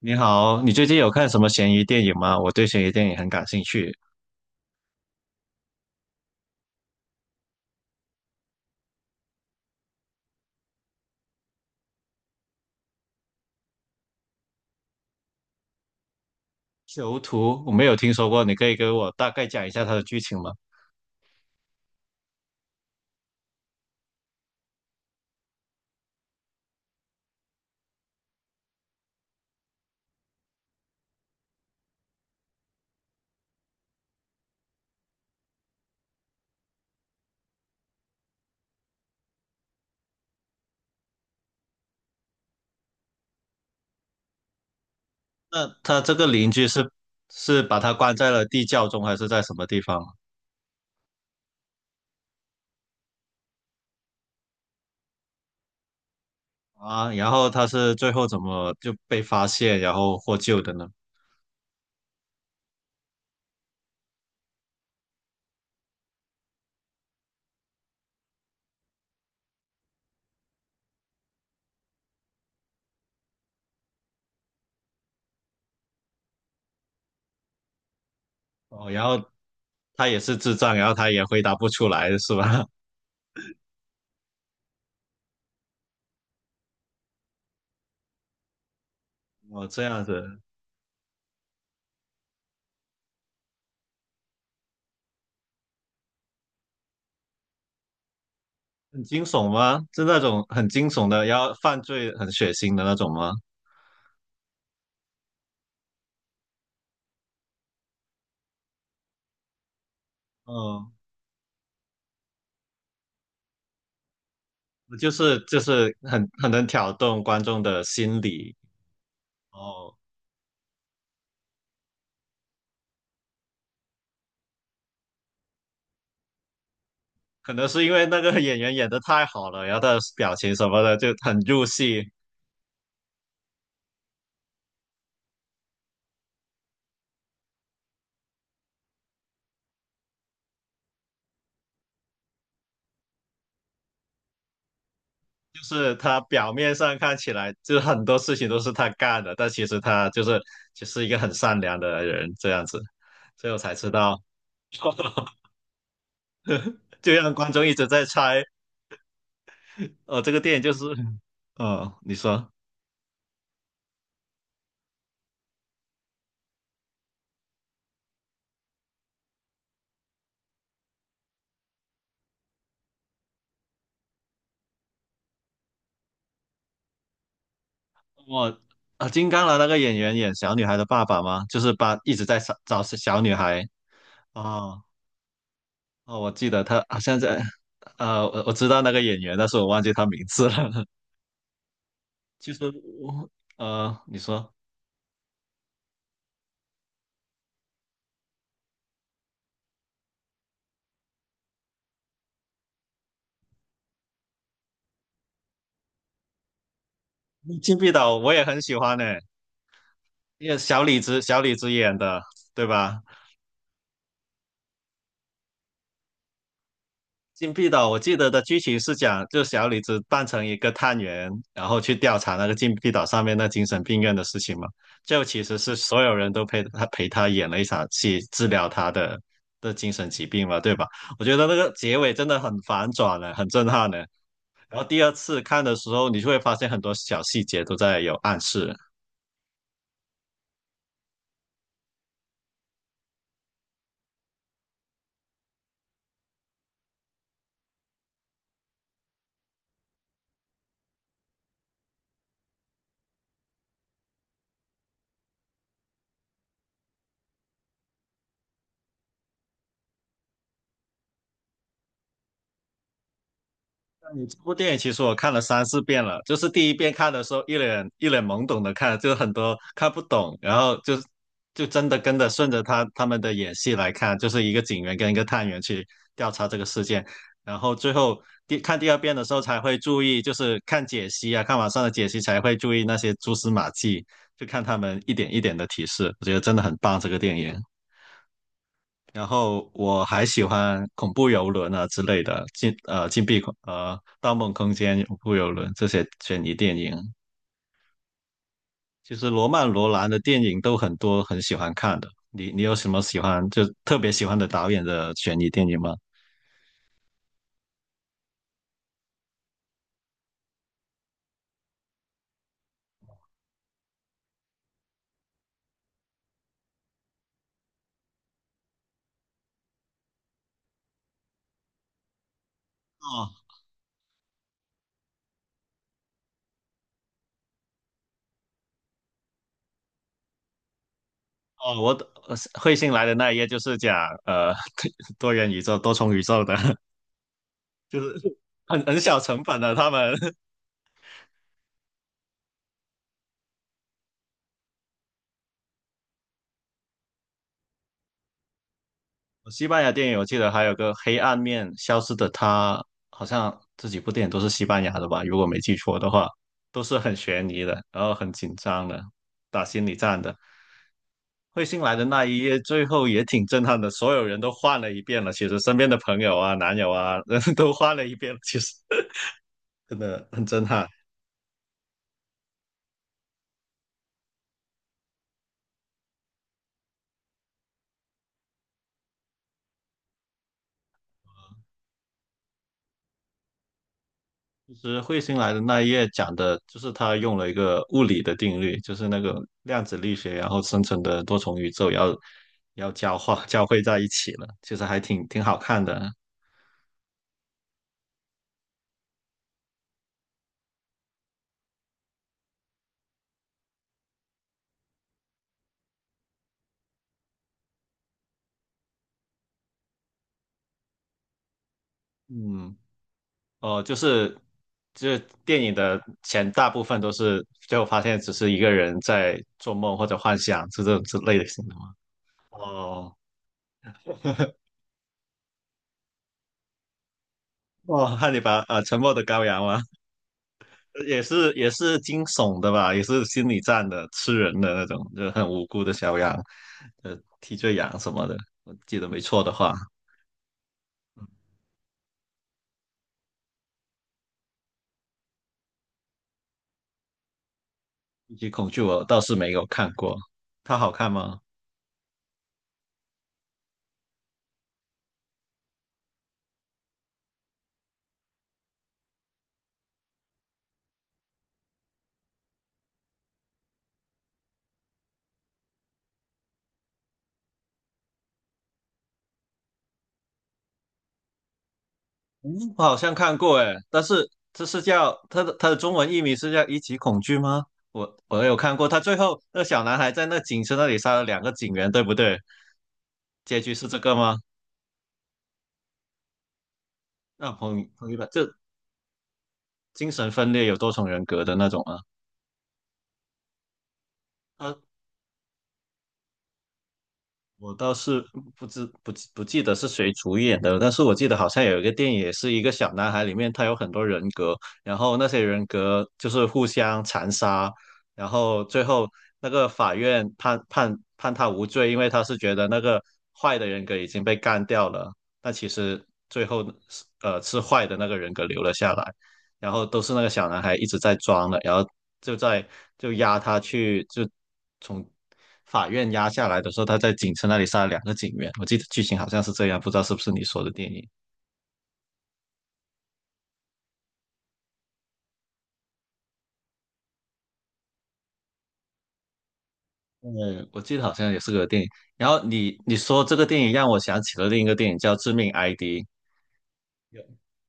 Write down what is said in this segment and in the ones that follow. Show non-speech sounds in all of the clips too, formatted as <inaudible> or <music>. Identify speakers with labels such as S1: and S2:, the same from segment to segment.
S1: 你好，你最近有看什么悬疑电影吗？我对悬疑电影很感兴趣。囚徒，我没有听说过，你可以给我大概讲一下它的剧情吗？那他这个邻居是把他关在了地窖中，还是在什么地方啊？然后他是最后怎么就被发现，然后获救的呢？哦，然后他也是智障，然后他也回答不出来，是吧？<laughs> 哦，这样子很惊悚吗？是那种很惊悚的，然后犯罪很血腥的那种吗？嗯。就是很能挑动观众的心理哦，可能是因为那个演员演的太好了，然后他的表情什么的就很入戏，就是他表面上看起来就是很多事情都是他干的，但其实他就是一个很善良的人这样子，所以我才知道，<laughs> 就让观众一直在猜，这个电影就是，你说我。啊，金刚狼那个演员演小女孩的爸爸吗？就是把一直在找小女孩哦，哦，我记得他好像在，我知道那个演员，但是我忘记他名字了。<laughs> 其实我，你说《禁闭岛》我也很喜欢呢，因为小李子演的，对吧？《禁闭岛》我记得的剧情是讲，就小李子扮成一个探员，然后去调查那个禁闭岛上面那精神病院的事情嘛。就其实是所有人都陪他演了一场戏，治疗他的精神疾病嘛，对吧？我觉得那个结尾真的很反转呢，很震撼呢。然后第二次看的时候，你就会发现很多小细节都在有暗示。那你这部电影其实我看了三四遍了，就是第一遍看的时候一脸懵懂的看，就很多看不懂，然后就真的跟着顺着他们的演戏来看，就是一个警员跟一个探员去调查这个事件，然后最后看第二遍的时候才会注意，就是看解析啊，看网上的解析才会注意那些蛛丝马迹，就看他们一点一点的提示，我觉得真的很棒这个电影。然后我还喜欢恐怖游轮啊之类的，禁呃禁闭恐呃《盗梦空间》《恐怖游轮》这些悬疑电影。其实罗曼·罗兰的电影都很多，很喜欢看的。你有什么喜欢就特别喜欢的导演的悬疑电影吗？哦哦，我的彗星来的那一页就是讲呃 <laughs> 多元宇宙、多重宇宙的，<laughs> 就是很小成本的他们。<laughs> 西班牙电影我记得还有个《黑暗面》，消失的她，好像这几部电影都是西班牙的吧？如果没记错的话，都是很悬疑的，然后很紧张的，打心理战的。彗星来的那一夜，最后也挺震撼的，所有人都换了一遍了。其实身边的朋友啊、男友啊，<laughs> 都换了一遍了其实 <laughs> 真的很震撼。其实彗星来的那一页讲的就是他用了一个物理的定律，就是那个量子力学，然后生成的多重宇宙要交化 <laughs> 交汇在一起了，其实还挺好看的。嗯，哦，就是电影的前大部分都是最后发现只是一个人在做梦或者幻想，是这种之类的型的吗？哦，哇，汉你把呃《沉默的羔羊》吗？也是惊悚的吧，也是心理战的，吃人的那种，就很无辜的小羊，替罪羊什么的，我记得没错的话，《一级恐惧》我倒是没有看过，它好看吗？嗯，我好像看过诶，但是这是叫它的中文译名是叫《一级恐惧》吗？我有看过，他最后那小男孩在那警车那里杀了两个警员，对不对？结局是这个吗？那彭于晏就精神分裂有多重人格的那种啊。他我倒是不记得是谁主演的，但是我记得好像有一个电影也是一个小男孩，里面他有很多人格，然后那些人格就是互相残杀，然后最后那个法院判他无罪，因为他是觉得那个坏的人格已经被干掉了，但其实最后是坏的那个人格留了下来，然后都是那个小男孩一直在装的，然后就在就押他去，就从法院押下来的时候，他在警车那里杀了两个警员。我记得剧情好像是这样，不知道是不是你说的电影。嗯，我记得好像也是个电影。然后你说这个电影让我想起了另一个电影叫《致命 ID》，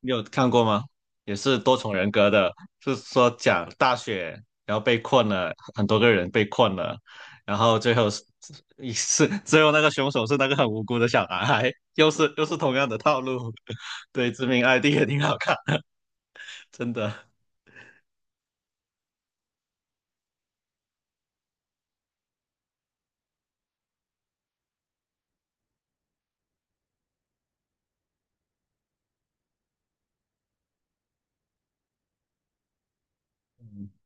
S1: 你有看过吗？也是多重人格的，是说讲大雪，然后被困了，很多个人被困了，然后最后是最后那个凶手是那个很无辜的小男孩，又是同样的套路。<laughs> 对，《致命 ID》也挺好看，真的，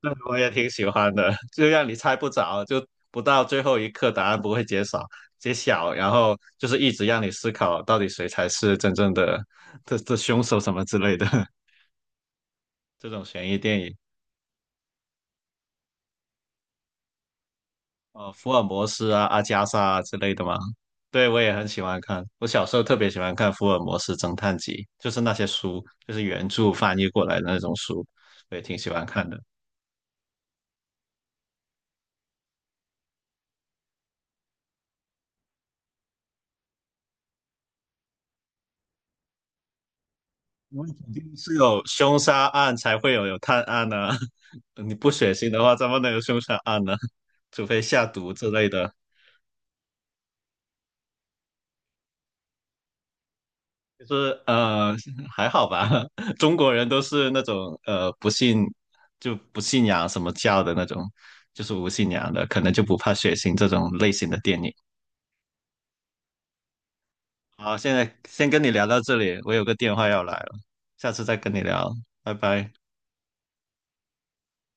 S1: 那我也挺喜欢的，就让你猜不着，就不到最后一刻答案不会揭晓，然后就是一直让你思考到底谁才是真正的这凶手什么之类的 <laughs> 这种悬疑电影。呃，福尔摩斯啊、阿加莎啊之类的吗？对，我也很喜欢看。我小时候特别喜欢看《福尔摩斯侦探集》，就是那些书，就是原著翻译过来的那种书，我也挺喜欢看的。因为肯定是有凶杀案才会有探案呢、<laughs> 你不血腥的话，怎么能有凶杀案呢？<laughs> 除非下毒之类的。就是呃，<laughs> 还好吧。<laughs> 中国人都是那种不信不信仰什么教的那种，就是无信仰的，可能就不怕血腥这种类型的电影。好，现在先跟你聊到这里，我有个电话要来了，下次再跟你聊，拜拜。